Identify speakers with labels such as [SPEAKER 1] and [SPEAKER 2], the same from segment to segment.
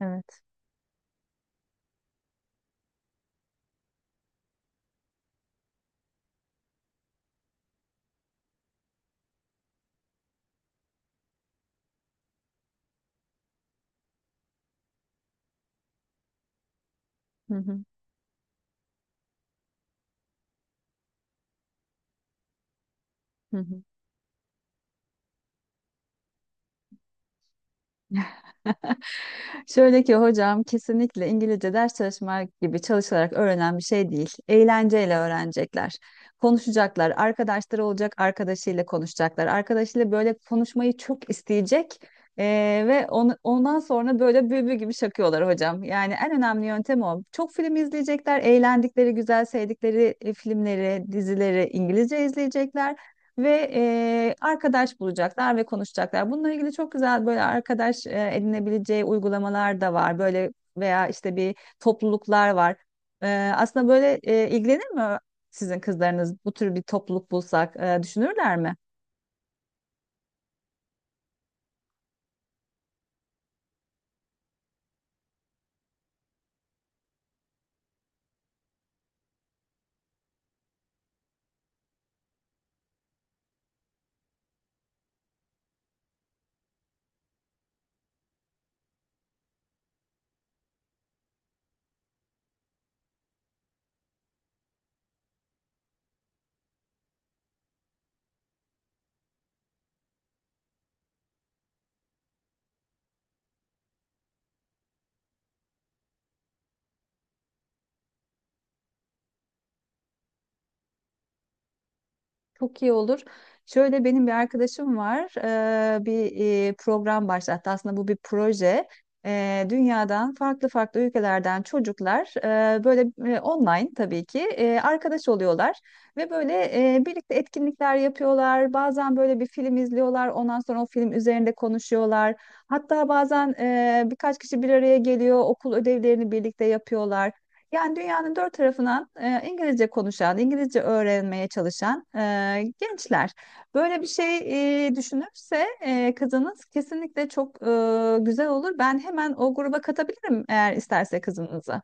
[SPEAKER 1] Evet. Hı hı. Hı hı. Şöyle ki hocam, kesinlikle İngilizce ders çalışmak gibi çalışarak öğrenen bir şey değil. Eğlenceyle öğrenecekler. Konuşacaklar, arkadaşları olacak, arkadaşıyla konuşacaklar. Arkadaşıyla böyle konuşmayı çok isteyecek. Ve ondan sonra böyle bülbül gibi şakıyorlar hocam. Yani en önemli yöntem o. Çok film izleyecekler, eğlendikleri, güzel sevdikleri filmleri, dizileri İngilizce izleyecekler. Ve arkadaş bulacaklar ve konuşacaklar. Bununla ilgili çok güzel böyle arkadaş edinebileceği uygulamalar da var. Böyle veya işte bir topluluklar var. E, aslında böyle ilgilenir mi sizin kızlarınız, bu tür bir topluluk bulsak düşünürler mi? Çok iyi olur. Şöyle benim bir arkadaşım var. Bir program başlattı. Aslında bu bir proje. Dünyadan farklı farklı ülkelerden çocuklar böyle online, tabii ki arkadaş oluyorlar ve böyle birlikte etkinlikler yapıyorlar. Bazen böyle bir film izliyorlar. Ondan sonra o film üzerinde konuşuyorlar. Hatta bazen birkaç kişi bir araya geliyor. Okul ödevlerini birlikte yapıyorlar. Yani dünyanın dört tarafından İngilizce konuşan, İngilizce öğrenmeye çalışan gençler. Böyle bir şey düşünürse kızınız kesinlikle çok güzel olur. Ben hemen o gruba katabilirim, eğer isterse kızınızı.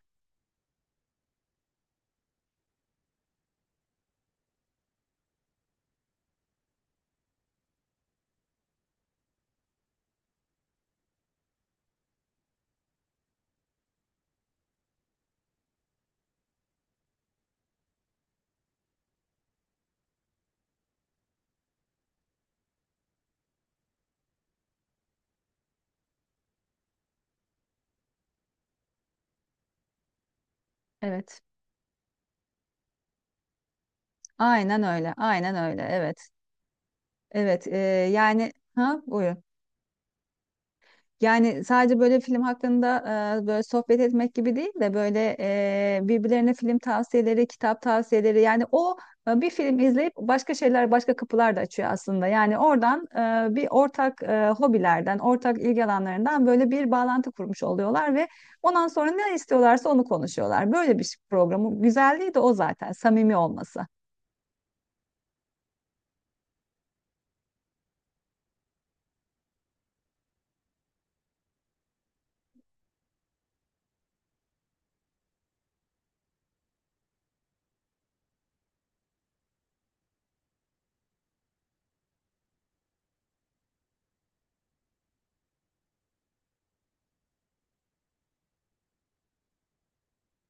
[SPEAKER 1] Evet. Aynen öyle, aynen öyle, evet. Evet, yani ha, buyur. Yani sadece böyle film hakkında böyle sohbet etmek gibi değil de, böyle birbirlerine film tavsiyeleri, kitap tavsiyeleri, yani o bir film izleyip başka şeyler, başka kapılar da açıyor aslında. Yani oradan bir ortak hobilerden, ortak ilgi alanlarından böyle bir bağlantı kurmuş oluyorlar ve ondan sonra ne istiyorlarsa onu konuşuyorlar. Böyle bir programın güzelliği de o, zaten samimi olması.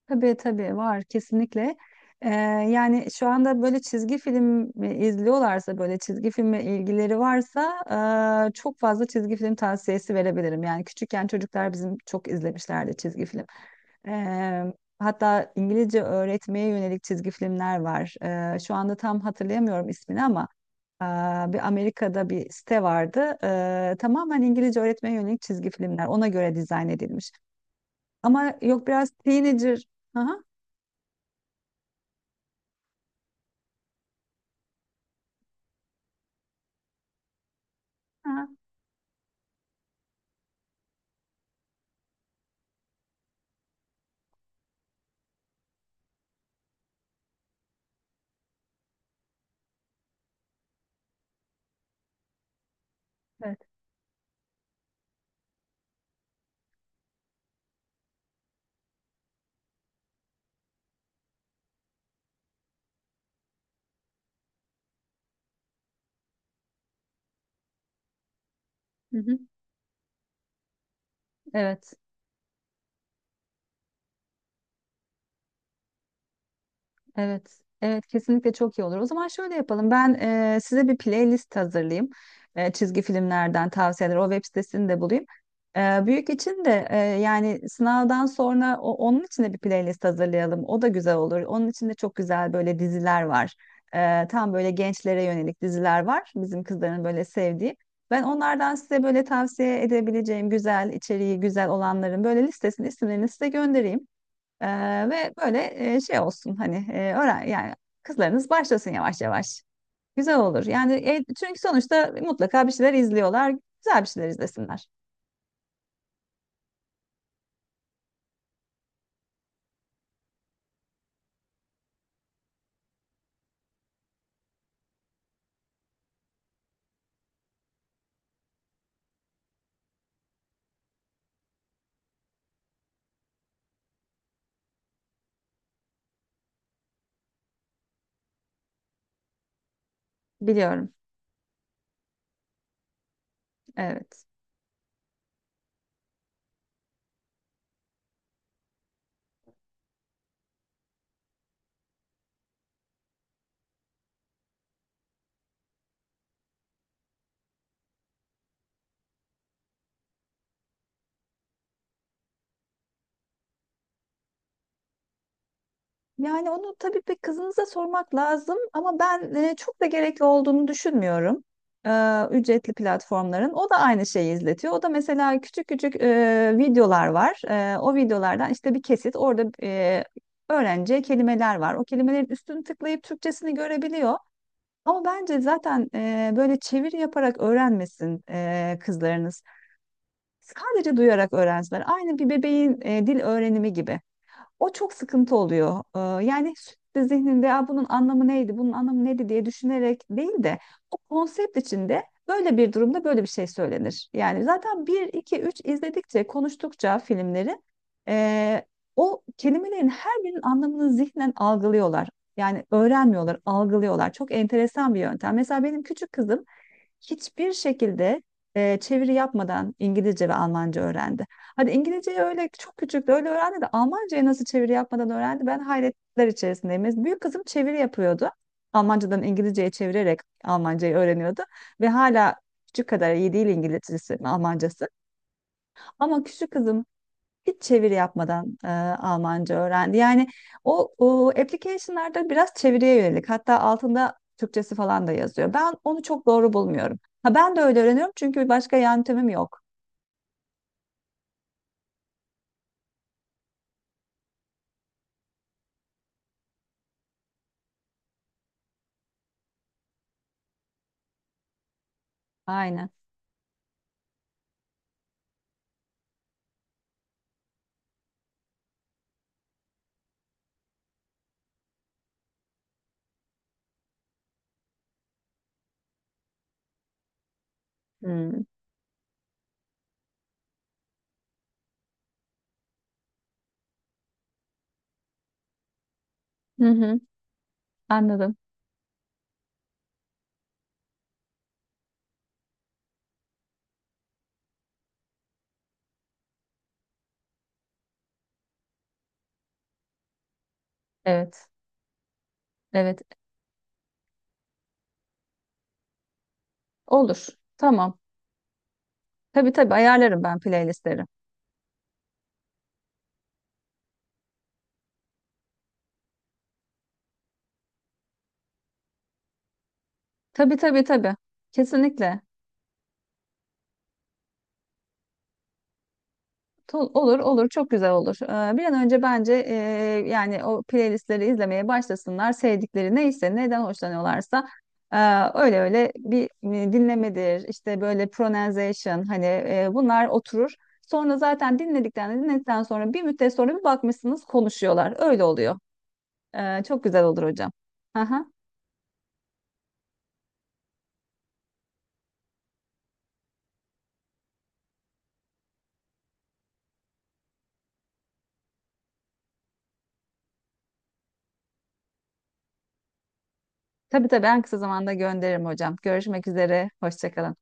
[SPEAKER 1] Tabii tabii var, kesinlikle. Ee, yani şu anda böyle çizgi film izliyorlarsa, böyle çizgi filme ilgileri varsa çok fazla çizgi film tavsiyesi verebilirim. Yani küçükken çocuklar bizim çok izlemişlerdi çizgi film. Ee, hatta İngilizce öğretmeye yönelik çizgi filmler var. Şu anda tam hatırlayamıyorum ismini ama e, bir Amerika'da bir site vardı. Tamamen İngilizce öğretmeye yönelik çizgi filmler. Ona göre dizayn edilmiş. Ama yok, biraz teenager. Aha. Evet. Hı hı. Evet. Evet. Evet. Kesinlikle çok iyi olur. O zaman şöyle yapalım. Ben size bir playlist hazırlayayım. Çizgi filmlerden tavsiyeler. O web sitesini de bulayım. Büyük için de yani sınavdan sonra, onun için de bir playlist hazırlayalım. O da güzel olur. Onun için de çok güzel böyle diziler var. Tam böyle gençlere yönelik diziler var. Bizim kızların böyle sevdiği. Ben onlardan size böyle tavsiye edebileceğim güzel içeriği güzel olanların böyle listesini, isimlerini size göndereyim. Ve böyle şey olsun, hani öğren, yani kızlarınız başlasın yavaş yavaş. Güzel olur. Yani çünkü sonuçta mutlaka bir şeyler izliyorlar. Güzel bir şeyler izlesinler. Biliyorum. Evet. Yani onu tabii bir kızınıza sormak lazım ama ben çok da gerekli olduğunu düşünmüyorum. Ücretli platformların. O da aynı şeyi izletiyor. O da mesela küçük küçük videolar var. O videolardan işte bir kesit orada öğrenci kelimeler var. O kelimelerin üstünü tıklayıp Türkçesini görebiliyor. Ama bence zaten böyle çeviri yaparak öğrenmesin kızlarınız. Sadece duyarak öğrensinler. Aynı bir bebeğin dil öğrenimi gibi. O çok sıkıntı oluyor. Yani sürekli zihninde "Aa, bunun anlamı neydi, bunun anlamı neydi" diye düşünerek değil de, o konsept içinde, böyle bir durumda böyle bir şey söylenir. Yani zaten bir 2 3 izledikçe, konuştukça filmleri e, o kelimelerin her birinin anlamını zihnen algılıyorlar. Yani öğrenmiyorlar, algılıyorlar. Çok enteresan bir yöntem. Mesela benim küçük kızım hiçbir şekilde çeviri yapmadan İngilizce ve Almanca öğrendi. Hadi İngilizceyi öyle çok küçük de öyle öğrendi de, Almancayı nasıl çeviri yapmadan öğrendi, ben hayretler içerisindeyim. Büyük kızım çeviri yapıyordu. Almancadan İngilizceye çevirerek Almancayı öğreniyordu ve hala küçük kadar iyi değil İngilizcesi, Almancası. Ama küçük kızım hiç çeviri yapmadan Almanca öğrendi. Yani o application'larda biraz çeviriye yönelik. Hatta altında Türkçesi falan da yazıyor. Ben onu çok doğru bulmuyorum. Ha, ben de öyle öğreniyorum çünkü başka yöntemim yok. Aynen. Hmm. Hı hı, anladım. Evet. Evet. Olur. Tamam. Tabii tabii ayarlarım ben playlistleri. Tabii tabii tabii. Kesinlikle. Olur olur, çok güzel olur. Bir an önce bence yani o playlistleri izlemeye başlasınlar. Sevdikleri neyse, neden hoşlanıyorlarsa e, öyle öyle bir dinlemedir, işte böyle pronunciation, hani bunlar oturur. Sonra zaten dinledikten sonra, bir müddet sonra bir bakmışsınız konuşuyorlar. Öyle oluyor. Çok güzel olur hocam. Aha. Tabii tabii, en kısa zamanda gönderirim hocam. Görüşmek üzere. Hoşça kalın.